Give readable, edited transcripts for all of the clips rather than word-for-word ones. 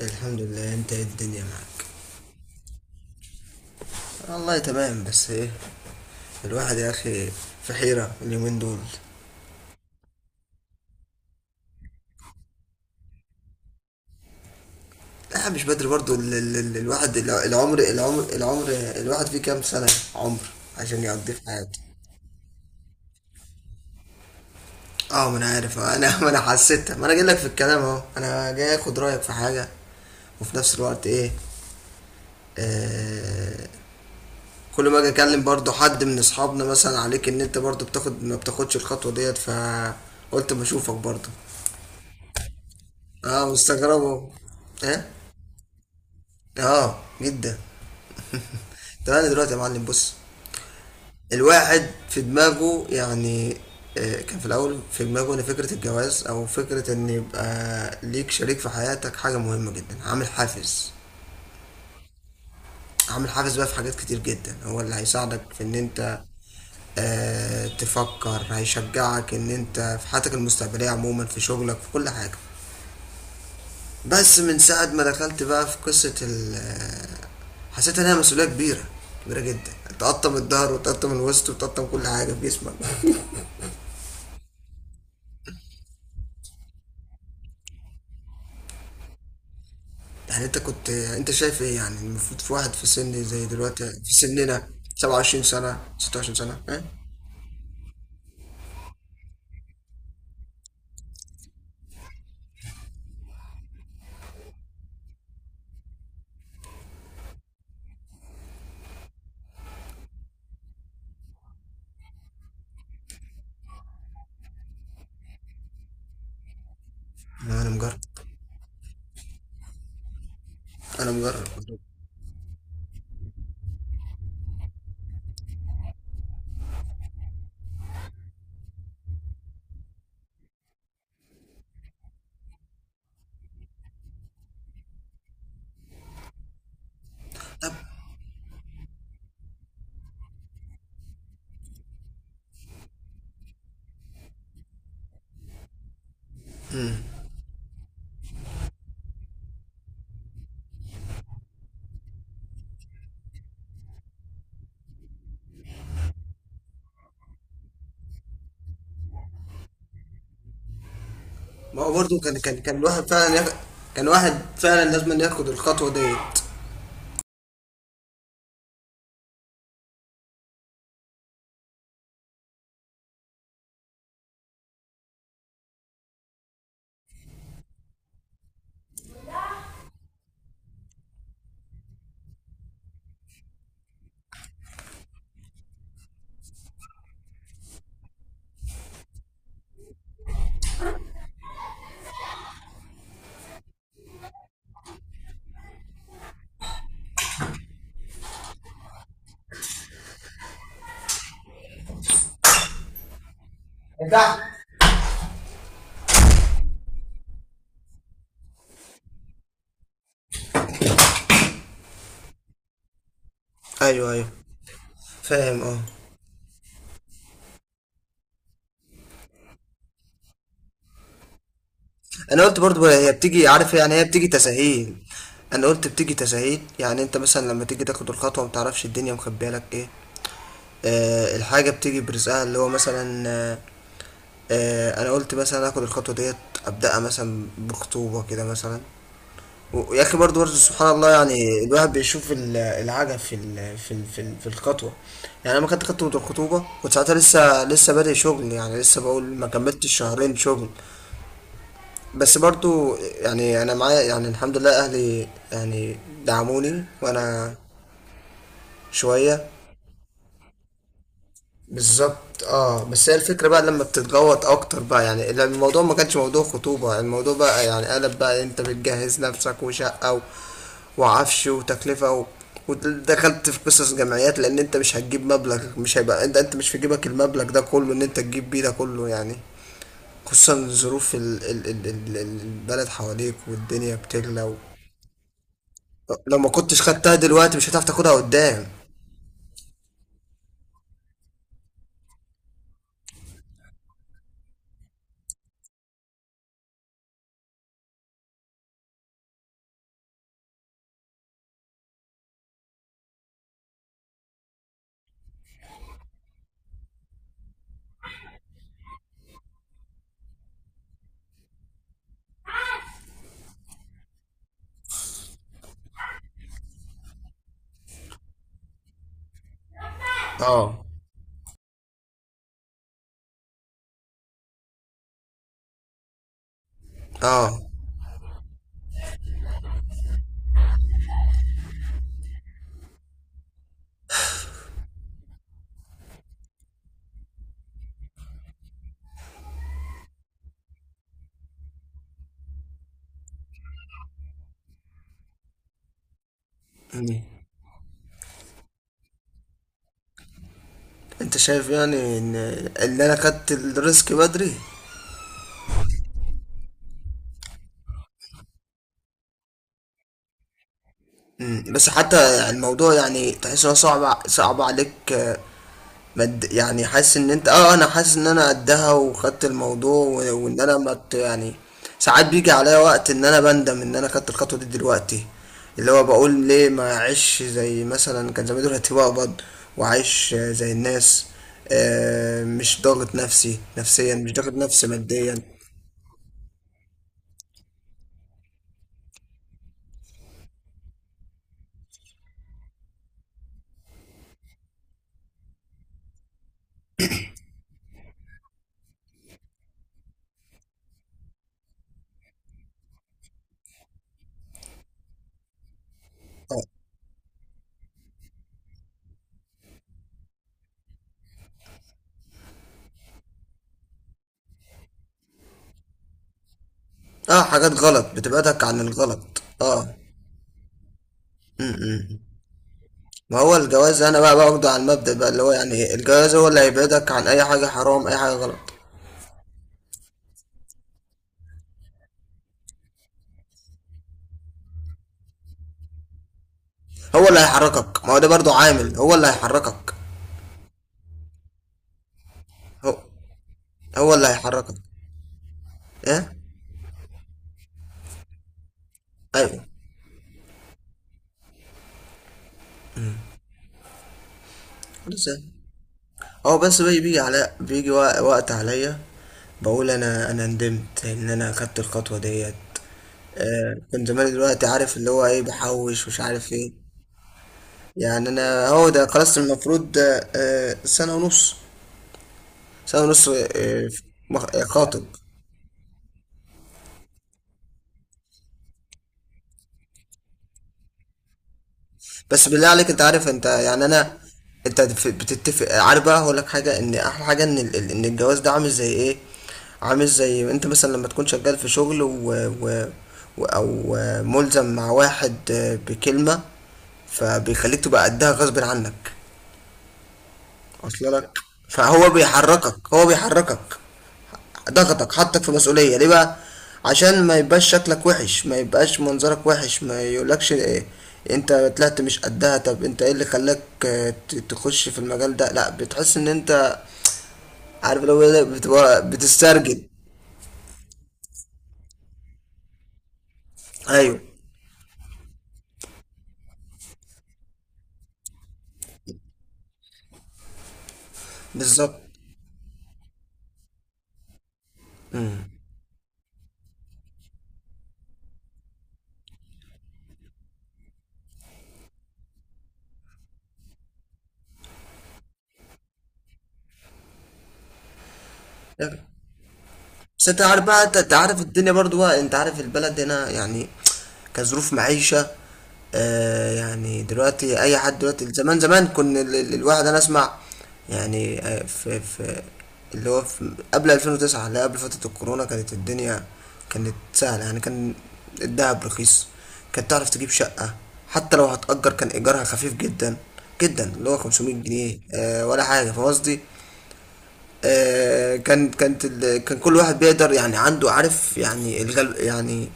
الحمد لله، انت ايه؟ الدنيا معاك. والله تمام، بس ايه، الواحد يا اخي في حيرة اليومين دول. لا مش بدري برضو. ال ال ال الواحد العمر، الواحد فيه كام سنة عمر عشان يقضيه في حياته؟ اه، ما انا عارف، اه، انا ما انا حسيت، ما انا جاي لك في الكلام اهو، انا جاي اخد رايك في حاجه، وفي نفس الوقت ايه، كل ما اجي اكلم برضو حد من اصحابنا مثلا عليك ان انت برضو بتاخد ما بتاخدش الخطوه ديت، فقلت ما اشوفك برضو. اه مستغربه. ايه. اه جدا. طب انا دلوقتي يا معلم، بص، الواحد في دماغه يعني، كان في الاول في دماغه ان فكره الجواز او فكره ان يبقى ليك شريك في حياتك حاجه مهمه جدا، عامل حافز. عامل حافز بقى في حاجات كتير جدا، هو اللي هيساعدك في ان انت تفكر، هيشجعك ان انت في حياتك المستقبليه عموما، في شغلك في كل حاجه. بس من ساعه ما دخلت بقى في قصه حسيت انها مسؤوليه كبيره، كبيره جدا، تقطم الظهر وتقطم الوسط وتقطم كل حاجه في جسمك. يعني انت كنت انت شايف ايه يعني؟ المفروض في واحد في سن زي دلوقتي في سننا، 27 سنه، 26 سنه، ها؟ انا مجرب. انا مجرب. طب ما هو برضه كان الواحد فعلا ياخد، كان واحد فعلا لازم ياخد الخطوه ديت. ايوه ايوه، فاهم اه. انا قلت برضو هي بتيجي عارف يعني، هي بتيجي تساهيل. انا قلت بتيجي تساهيل، يعني انت مثلا لما تيجي تاخد الخطوه ما تعرفش الدنيا مخبيه لك ايه. الحاجة بتيجي برزقها، اللي هو مثلا انا قلت مثلا اخد الخطوة ديت، ابدأها مثلا بخطوبة كده مثلا. و- ويا اخي برضه سبحان الله، يعني الواحد بيشوف العجب في الخطوة. يعني انا ما كنت خدت الخطوبة كنت ساعتها لسه بادئ شغل، يعني لسه بقول ما كملتش شهرين شغل. بس برضه يعني انا معايا يعني الحمد لله اهلي، يعني دعموني وانا شوية. بالظبط اه. بس هي الفكرة بقى لما بتتجوط اكتر بقى، يعني لأن الموضوع ما كانش موضوع خطوبة، الموضوع بقى يعني قلب بقى، انت بتجهز نفسك وشقة و... وعفش وتكلفة، و... ودخلت في قصص جمعيات، لان انت مش هتجيب مبلغ، مش هيبقى انت مش في جيبك المبلغ ده كله ان انت تجيب بيه ده كله يعني، خصوصا ظروف البلد حواليك والدنيا بتغلى. و... لو ما كنتش خدتها دلوقتي مش هتعرف تاخدها قدام. اه. اه. انت شايف يعني ان اللي انا خدت الريسك بدري؟ مم. بس حتى الموضوع يعني تحس انه صعب، صعب عليك، مد يعني حاسس ان انت اه، انا حاسس ان انا قدها وخدت الموضوع، و- وان انا مت يعني. ساعات بيجي عليا وقت ان انا بندم ان انا خدت الخطوة دي دلوقتي، اللي هو بقول ليه ما اعيش زي مثلا كان زمان، دلوقتي بقبض واعيش زي الناس، مش ضاغط نفسي نفسيا، مش ضاغط نفسي ماديا. اه، حاجات غلط، بتبعدك عن الغلط، اه. م-م. ما هو الجواز انا بقى باخده على المبدأ بقى، اللي هو يعني ايه، الجواز هو اللي هيبعدك عن اي حاجة حرام، اي حاجة غلط. هو اللي هيحركك، ما هو ده برضو عامل، هو اللي هيحركك. هو هو اللي هيحركك. ايه. ايوه. خلاص يعني. هو بس بيجي على، بيجي وقت عليا بقول انا، انا ندمت ان انا اخدت الخطوة ديت. آه كنت زمان، دلوقتي عارف اللي هو ايه بحوش ومش عارف ايه. يعني انا هو ده خلاص المفروض، سنة ونص. سنة ونص، خاطب. بس بالله عليك، انت عارف، انت يعني انا، انت بتتفق، عارف بقى هقول لك حاجة، ان احلى حاجة ان ان الجواز ده عامل زي ايه؟ عامل زي انت مثلا لما تكون شغال في شغل و و- او ملزم مع واحد بكلمة، فبيخليك تبقى قدها غصب عنك. اصل لك، فهو بيحركك، هو بيحركك. ضغطك حطك في مسؤولية، ليه بقى؟ عشان ما يبقاش شكلك وحش، ما يبقاش منظرك وحش، ما يقولكش إيه انت طلعت مش قدها، طب انت ايه اللي خلاك تخش في المجال ده؟ لا، بتحس ان انت عارف، لو بتبقى بتسترجل. ايوه بالظبط. بس انت عارف بقى، انت عارف الدنيا برضو بقى، انت عارف البلد هنا، يعني كظروف معيشة، آه، يعني دلوقتي اي حد دلوقتي، زمان زمان كنا الواحد انا اسمع يعني، في اللي هو في قبل 2009، اللي قبل فترة الكورونا، كانت الدنيا كانت سهلة يعني، كان الدهب رخيص، كانت تعرف تجيب شقة، حتى لو هتأجر كان إيجارها خفيف جدا جدا، اللي هو 500 جنيه آه ولا حاجة، فاهم قصدي؟ كان كان كل واحد بيقدر يعني عنده عارف يعني الغل يعني،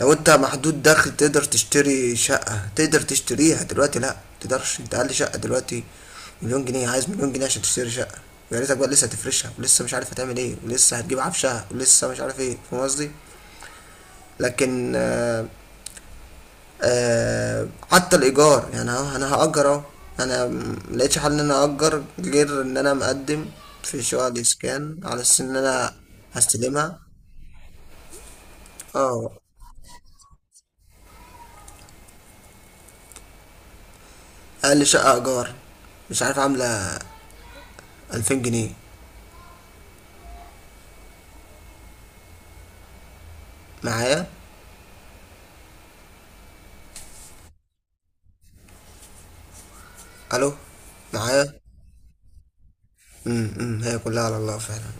لو انت محدود دخل تقدر تشتري شقة، تقدر تشتريها دلوقتي؟ لا تقدرش، انت اقل شقة دلوقتي مليون جنيه، عايز مليون جنيه عشان تشتري شقة، ويا ريتك بقى لسه هتفرشها ولسه مش عارف هتعمل ايه ولسه هتجيب عفشها ولسه مش عارف ايه، فاهم قصدي؟ لكن حتى الايجار يعني، انا هاجر اهو، انا ملقتش حل ان انا اجر غير ان انا مقدم في شقق الاسكان على اساس ان انا هستلمها. اه، اقل شقه ايجار مش عارف عامله 2000 جنيه معايا. الو؟ معايا. أمم، هي كلها على الله فعلا.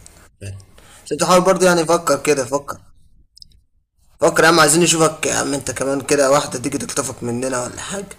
بس انت حاول برضه، يعني فكر كده، فكر، فكر يا عم، عايزين نشوفك يا عم، انت كمان كده واحده تيجي تخطفك مننا ولا حاجه.